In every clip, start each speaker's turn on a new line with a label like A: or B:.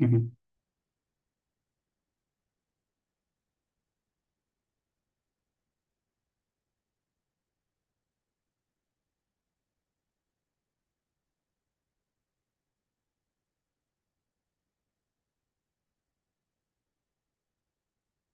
A: Ujú.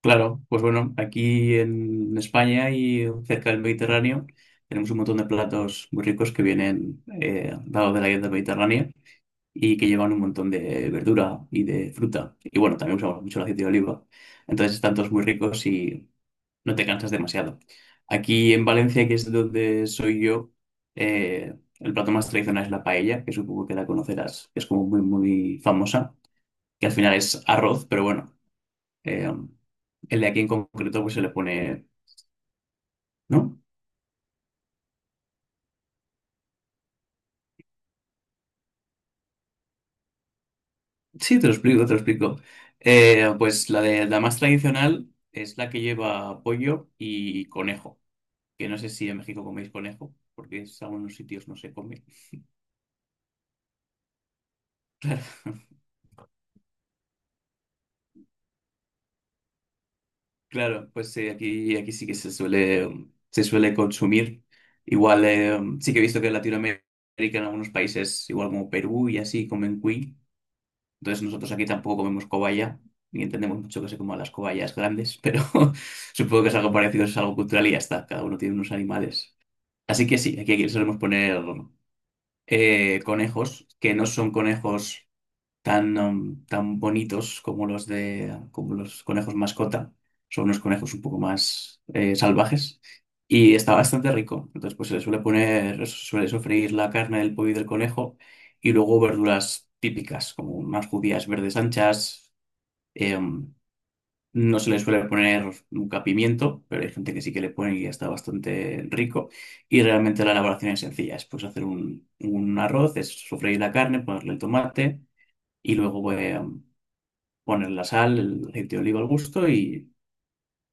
A: Claro, pues bueno, aquí en España y cerca del Mediterráneo tenemos un montón de platos muy ricos que vienen dados de la dieta mediterránea y que llevan un montón de verdura y de fruta. Y bueno, también usamos mucho el aceite de oliva. Entonces están todos muy ricos y no te cansas demasiado. Aquí en Valencia, que es donde soy yo, el plato más tradicional es la paella, que supongo que la conocerás, que es como muy, muy famosa, que al final es arroz, pero bueno. Eh, el de aquí en concreto, pues se le pone. ¿No? Sí, te lo explico, te lo explico. Pues la de la más tradicional es la que lleva pollo y conejo. Que no sé si en México coméis conejo, porque en algunos sitios no se come. Claro, claro, pues aquí, aquí sí que se suele consumir. Igual sí que he visto que en Latinoamérica, en algunos países, igual como Perú y así, comen cuy. Entonces nosotros aquí tampoco comemos cobaya, ni entendemos mucho que se coman las cobayas grandes, pero supongo que es algo parecido, es algo cultural y ya está. Cada uno tiene unos animales. Así que sí, aquí, aquí solemos poner conejos, que no son conejos tan, tan bonitos como como los conejos mascota. Son unos conejos un poco más salvajes. Y está bastante rico. Entonces, pues se le suele poner, se suele sofreír la carne del pollo y del conejo y luego verduras típicas, como unas judías verdes anchas, em, no se le suele poner nunca pimiento, pero hay gente que sí que le pone y está bastante rico. Y realmente la elaboración es sencilla. Es pues hacer un arroz, es sofreír la carne, ponerle el tomate y luego poner la sal, el aceite de oliva al gusto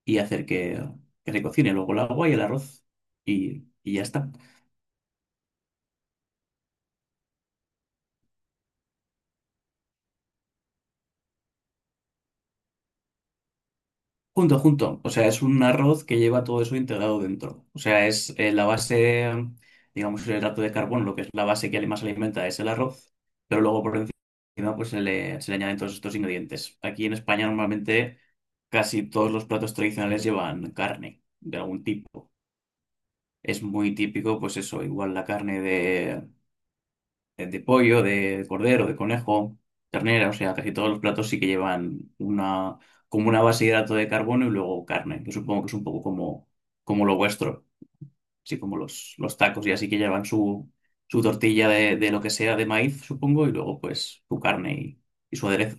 A: y hacer que se cocine. Luego el agua y el arroz y ya está. Junto, junto. O sea, es un arroz que lleva todo eso integrado dentro. O sea, es la base, digamos, el hidrato de carbono, lo que es la base que más alimenta es el arroz, pero luego por encima pues se le añaden todos estos ingredientes. Aquí en España normalmente casi todos los platos tradicionales llevan carne de algún tipo. Es muy típico, pues eso, igual la carne de pollo, de cordero, de conejo, ternera, o sea, casi todos los platos sí que llevan una, como una base de hidrato de carbono y luego carne, que supongo que es un poco como, como lo vuestro, así como los tacos, y así que llevan su, su tortilla de lo que sea de maíz, supongo, y luego pues su carne y su aderezo,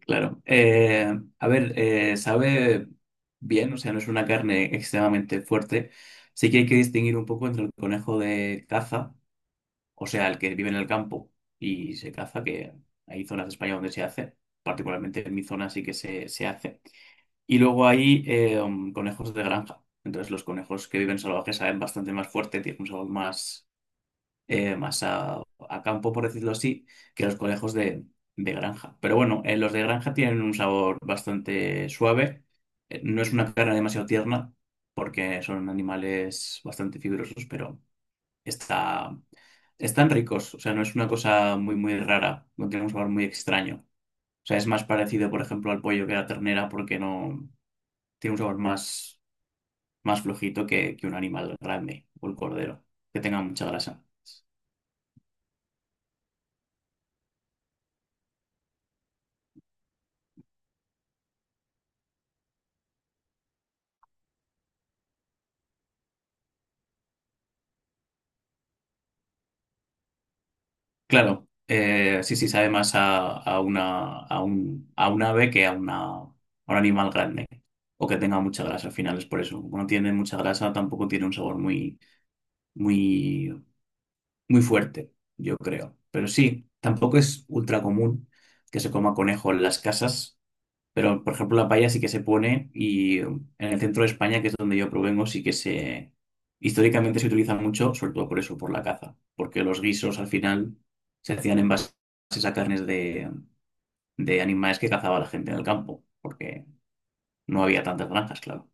A: claro. A ver, sabe bien, o sea, no es una carne extremadamente fuerte. Sí que hay que distinguir un poco entre el conejo de caza. O sea, el que vive en el campo y se caza, que hay zonas de España donde se hace, particularmente en mi zona sí que se hace. Y luego hay conejos de granja. Entonces los conejos que viven salvajes saben bastante más fuerte, tienen un sabor más, más a campo, por decirlo así, que los conejos de granja. Pero bueno, los de granja tienen un sabor bastante suave. No es una carne demasiado tierna porque son animales bastante fibrosos, pero está, están ricos, o sea, no es una cosa muy, muy rara, no tiene un sabor muy extraño. O sea, es más parecido, por ejemplo, al pollo que a la ternera porque no tiene un sabor más, más flojito que un animal grande o el cordero, que tenga mucha grasa. Claro, sí, sí, sabe más a una, a un ave que una, a un animal grande o que tenga mucha grasa. Al final es por eso. Como no tiene mucha grasa, tampoco tiene un sabor muy, muy muy fuerte, yo creo. Pero sí, tampoco es ultra común que se coma conejo en las casas, pero por ejemplo la paella sí que se pone y en el centro de España, que es donde yo provengo, sí que se... Históricamente se utiliza mucho, sobre todo por eso, por la caza, porque los guisos al final se hacían en base a carnes de animales que cazaba la gente en el campo, porque no había tantas granjas, claro.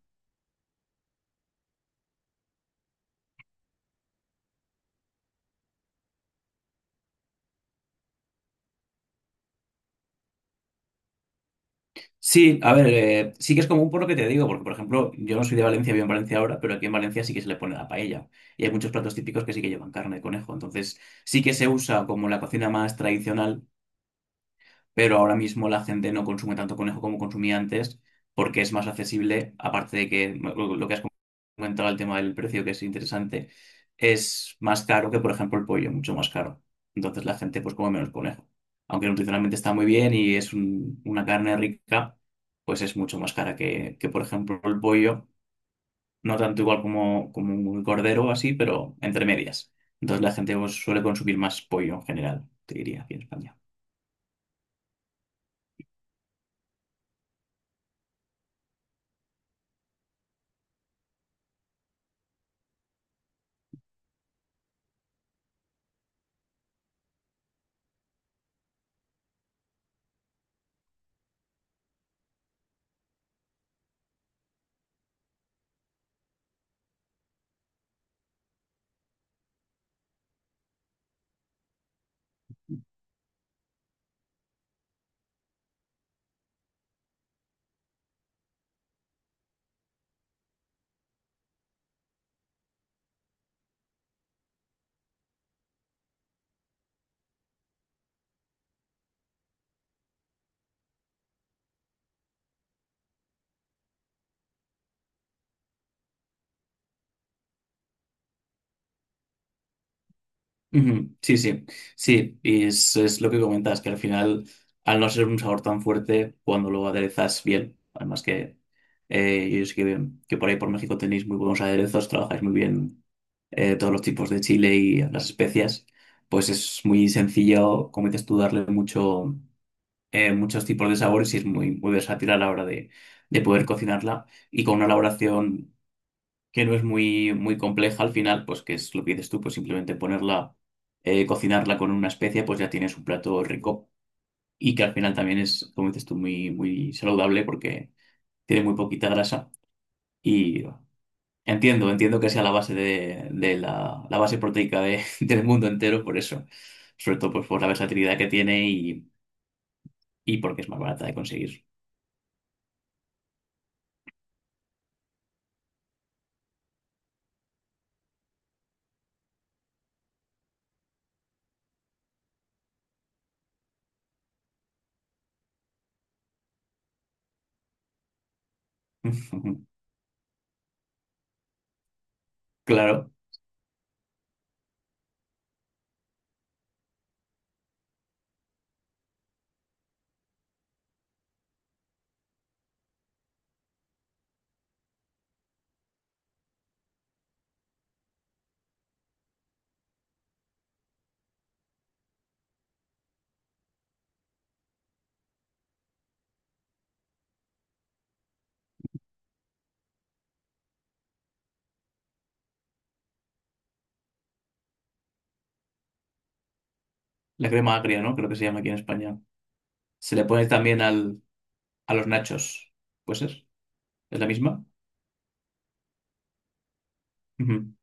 A: Sí, a ver, sí que es común por lo que te digo, porque por ejemplo, yo no soy de Valencia, vivo en Valencia ahora, pero aquí en Valencia sí que se le pone la paella. Y hay muchos platos típicos que sí que llevan carne de conejo. Entonces, sí que se usa como la cocina más tradicional, pero ahora mismo la gente no consume tanto conejo como consumía antes porque es más accesible, aparte de que lo que has comentado, el tema del precio, que es interesante, es más caro que, por ejemplo, el pollo, mucho más caro. Entonces la gente pues come menos conejo. Aunque nutricionalmente está muy bien y es una carne rica, pues es mucho más cara que, por ejemplo, el pollo. No tanto igual como, como un cordero o así, pero entre medias. Entonces la gente pues, suele consumir más pollo en general, te diría, aquí en España. Ujú, sí, sí, sí, y es lo que comentas, que al final, al no ser un sabor tan fuerte, cuando lo aderezas bien, además que yo sé que por ahí por México tenéis muy buenos aderezos, trabajáis muy bien todos los tipos de chile y las especias, pues es muy sencillo, como dices tú, darle mucho, muchos tipos de sabores y es muy, muy versátil a la hora de poder cocinarla y con una elaboración que no es muy, muy compleja al final, pues que es lo que dices tú, pues simplemente ponerla, cocinarla con una especia, pues ya tienes un plato rico y que al final también es, como dices tú, muy, muy saludable porque tiene muy poquita grasa y entiendo, entiendo que sea la base de la base proteica de- del mundo entero, por eso, sobre todo pues por la versatilidad que tiene y porque es más barata de conseguir. Claro, la crema agria, ¿no? Creo que se llama aquí en España. Se le pone también al, a los nachos, pues es. ¿Es la misma? Ujú,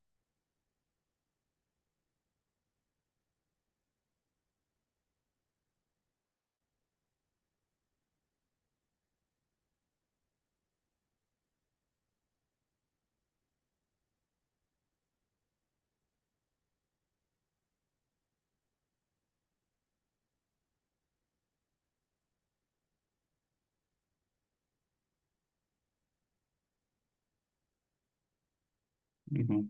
A: ujú,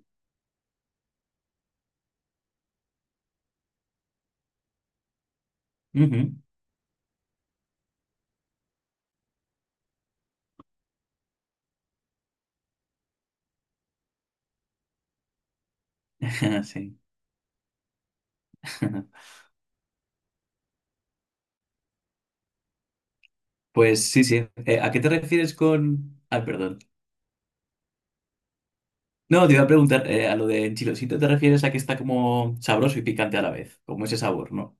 A: ujú. Sí. Pues sí, sí. ¿A qué te refieres con...? Ah, perdón. No, te iba a preguntar, a lo de enchilosito te refieres a que está como sabroso y picante a la vez, como ese sabor, ¿no?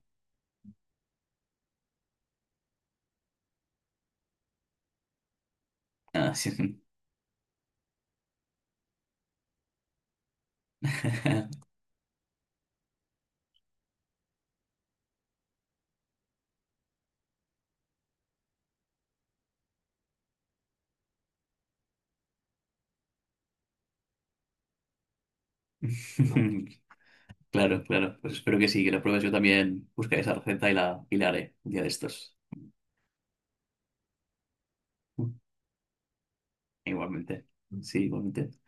A: Ah, sí. Claro, claro. Pues espero que sí, que lo pruebes. Yo también buscaré esa receta y la haré un día de estos. Igualmente. Sí, igualmente.